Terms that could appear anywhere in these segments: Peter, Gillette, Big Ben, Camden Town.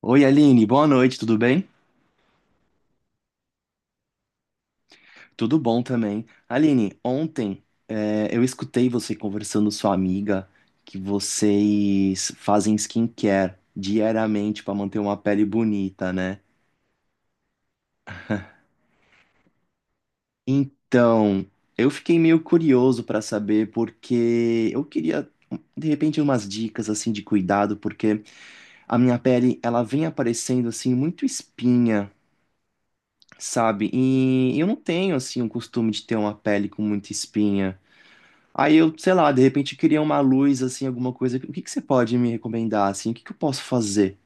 Oi, Aline, boa noite, tudo bem? Tudo bom também. Aline, ontem eu escutei você conversando com sua amiga que vocês fazem skincare diariamente para manter uma pele bonita, né? Então, eu fiquei meio curioso para saber porque eu queria de repente umas dicas assim de cuidado, porque a minha pele ela vem aparecendo assim muito espinha, sabe? E eu não tenho assim o costume de ter uma pele com muita espinha. Aí eu, sei lá, de repente queria uma luz, assim, alguma coisa. O que que você pode me recomendar, assim? O que que eu posso fazer?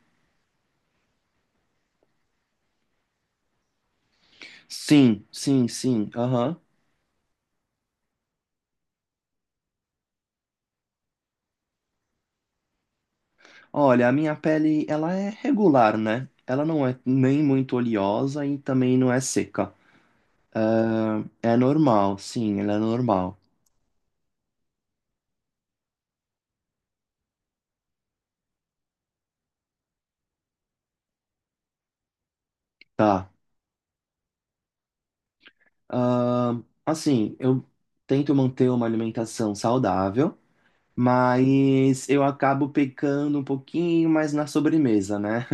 Sim, sim, sim, aham. Olha, a minha pele, ela é regular, né? Ela não é nem muito oleosa e também não é seca. Ah, é normal, sim, ela é normal. Tá. Ah, assim, eu tento manter uma alimentação saudável, mas eu acabo pecando um pouquinho mais na sobremesa, né?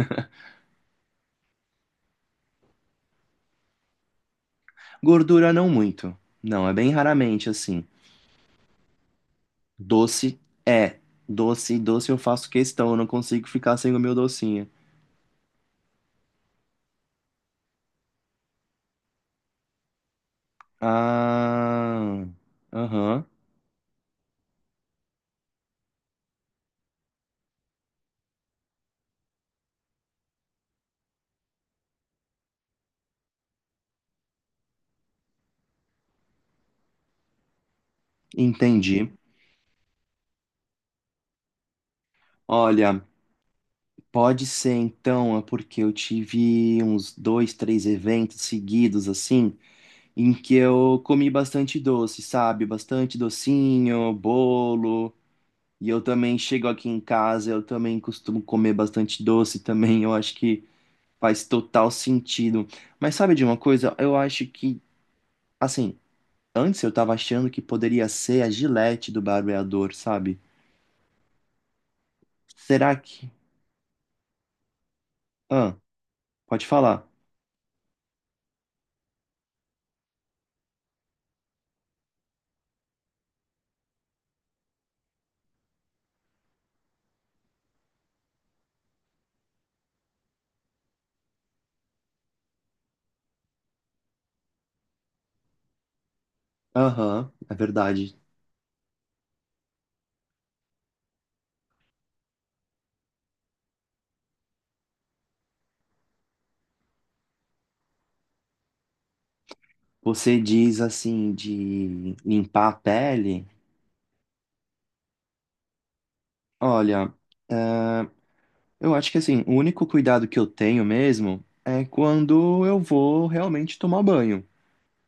Gordura não muito. Não, é bem raramente assim. Doce é. Doce, doce eu faço questão, eu não consigo ficar sem o meu docinho. Ah, aham, entendi. Olha, pode ser então, é porque eu tive uns dois, três eventos seguidos assim, em que eu comi bastante doce, sabe? Bastante docinho, bolo. E eu também chego aqui em casa, eu também costumo comer bastante doce também. Eu acho que faz total sentido. Mas sabe de uma coisa? Eu acho que, assim, antes eu tava achando que poderia ser a Gillette do barbeador, sabe? Será que. Ah, pode falar. Aham, é verdade. Você diz assim de limpar a pele? Olha, é, eu acho que assim, o único cuidado que eu tenho mesmo é quando eu vou realmente tomar banho.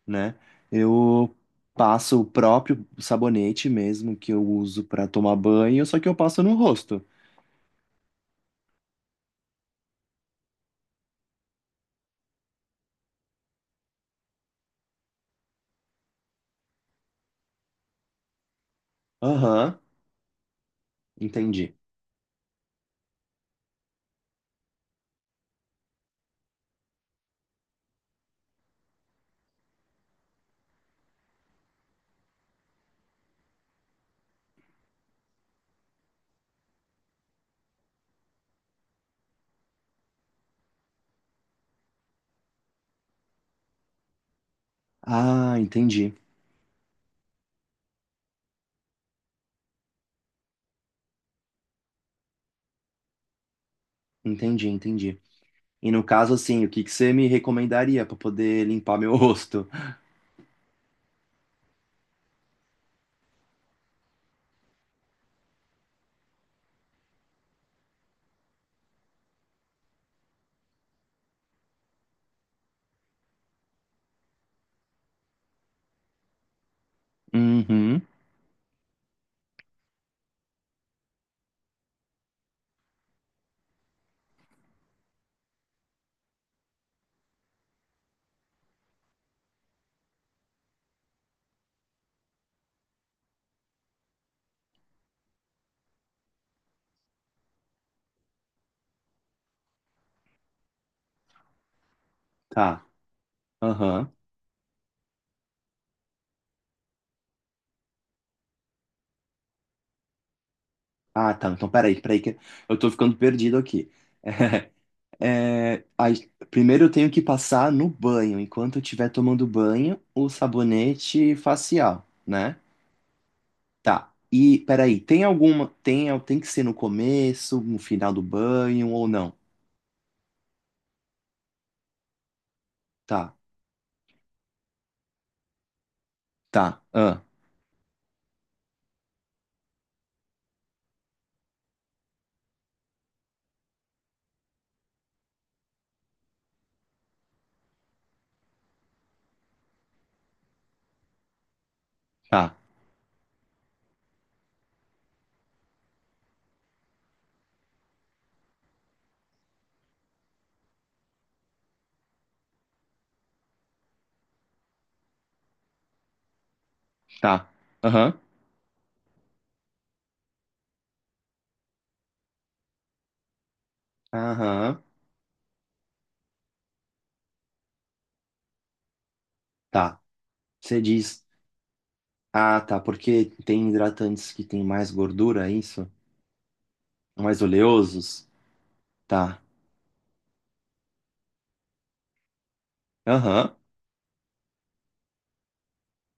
Né? Eu passo o próprio sabonete mesmo que eu uso pra tomar banho, só que eu passo no rosto. Aham, entendi. Ah, entendi. Entendi, entendi. E no caso, assim, o que que você me recomendaria pra poder limpar meu rosto? Uhum, tá. Aham. Ah, tá. Então, peraí, peraí que eu tô ficando perdido aqui. É, aí, primeiro eu tenho que passar no banho, enquanto eu estiver tomando banho, o sabonete facial, né? Tá. E peraí, tem alguma. Tem, tem que ser no começo, no final do banho ou não? Tá, tá, ah, tá, tá. Aham, aham, tá. Você diz. Ah, tá, porque tem hidratantes que tem mais gordura, é isso? Mais oleosos? Tá. Aham,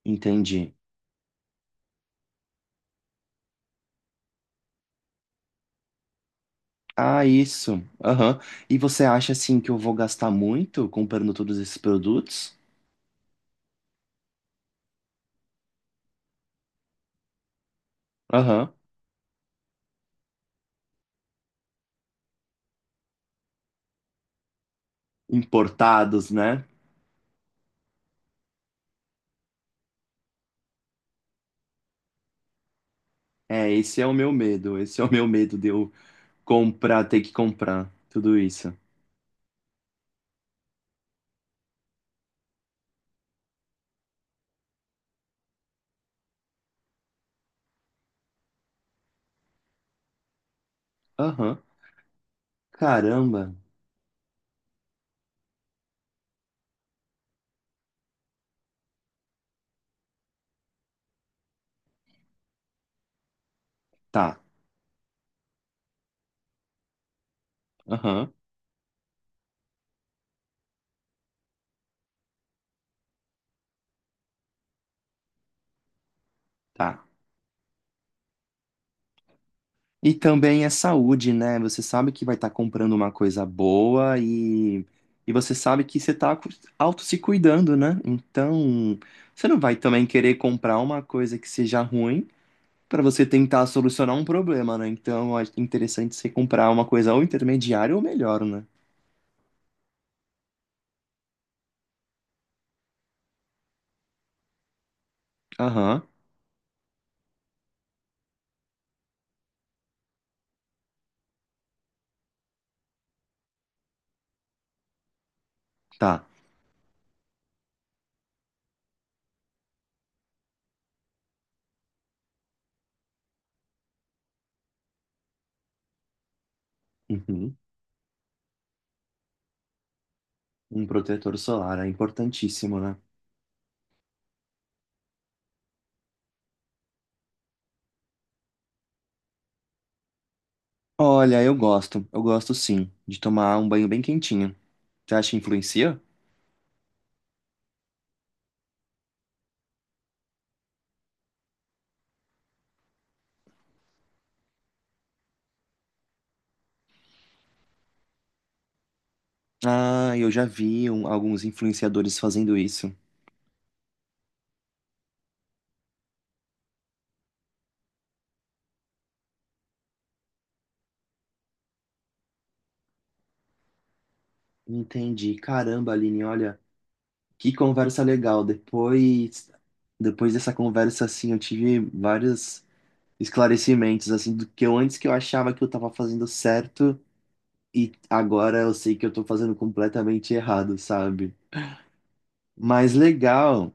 entendi. Ah, isso. Aham. E você acha assim que eu vou gastar muito comprando todos esses produtos? Aham. Importados, né? É, esse é o meu medo. Esse é o meu medo de eu comprar, ter que comprar. Tudo isso. Aham. Caramba. Tá. Aham. Tá. E também é saúde, né? Você sabe que vai estar comprando uma coisa boa e você sabe que você tá auto se cuidando, né? Então, você não vai também querer comprar uma coisa que seja ruim para você tentar solucionar um problema, né? Então, é interessante você comprar uma coisa ou intermediária ou melhor, né? Aham. Tá. Uhum. Um protetor solar é importantíssimo, né? Olha, eu gosto sim, de tomar um banho bem quentinho. Você acha que influencia? Ah, eu já vi alguns influenciadores fazendo isso. Entendi. Caramba, Aline, olha, que conversa legal. Depois, depois dessa conversa, assim, eu tive vários esclarecimentos, assim, do que eu antes que eu achava que eu tava fazendo certo e agora eu sei que eu tô fazendo completamente errado, sabe? Mas legal.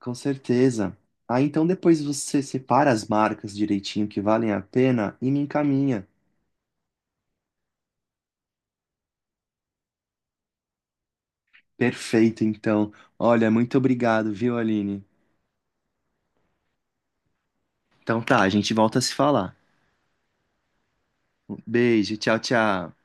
Com certeza. Ah, então depois você separa as marcas direitinho que valem a pena e me encaminha. Perfeito, então. Olha, muito obrigado, viu, Aline? Então tá, a gente volta a se falar. Um beijo, tchau, tchau.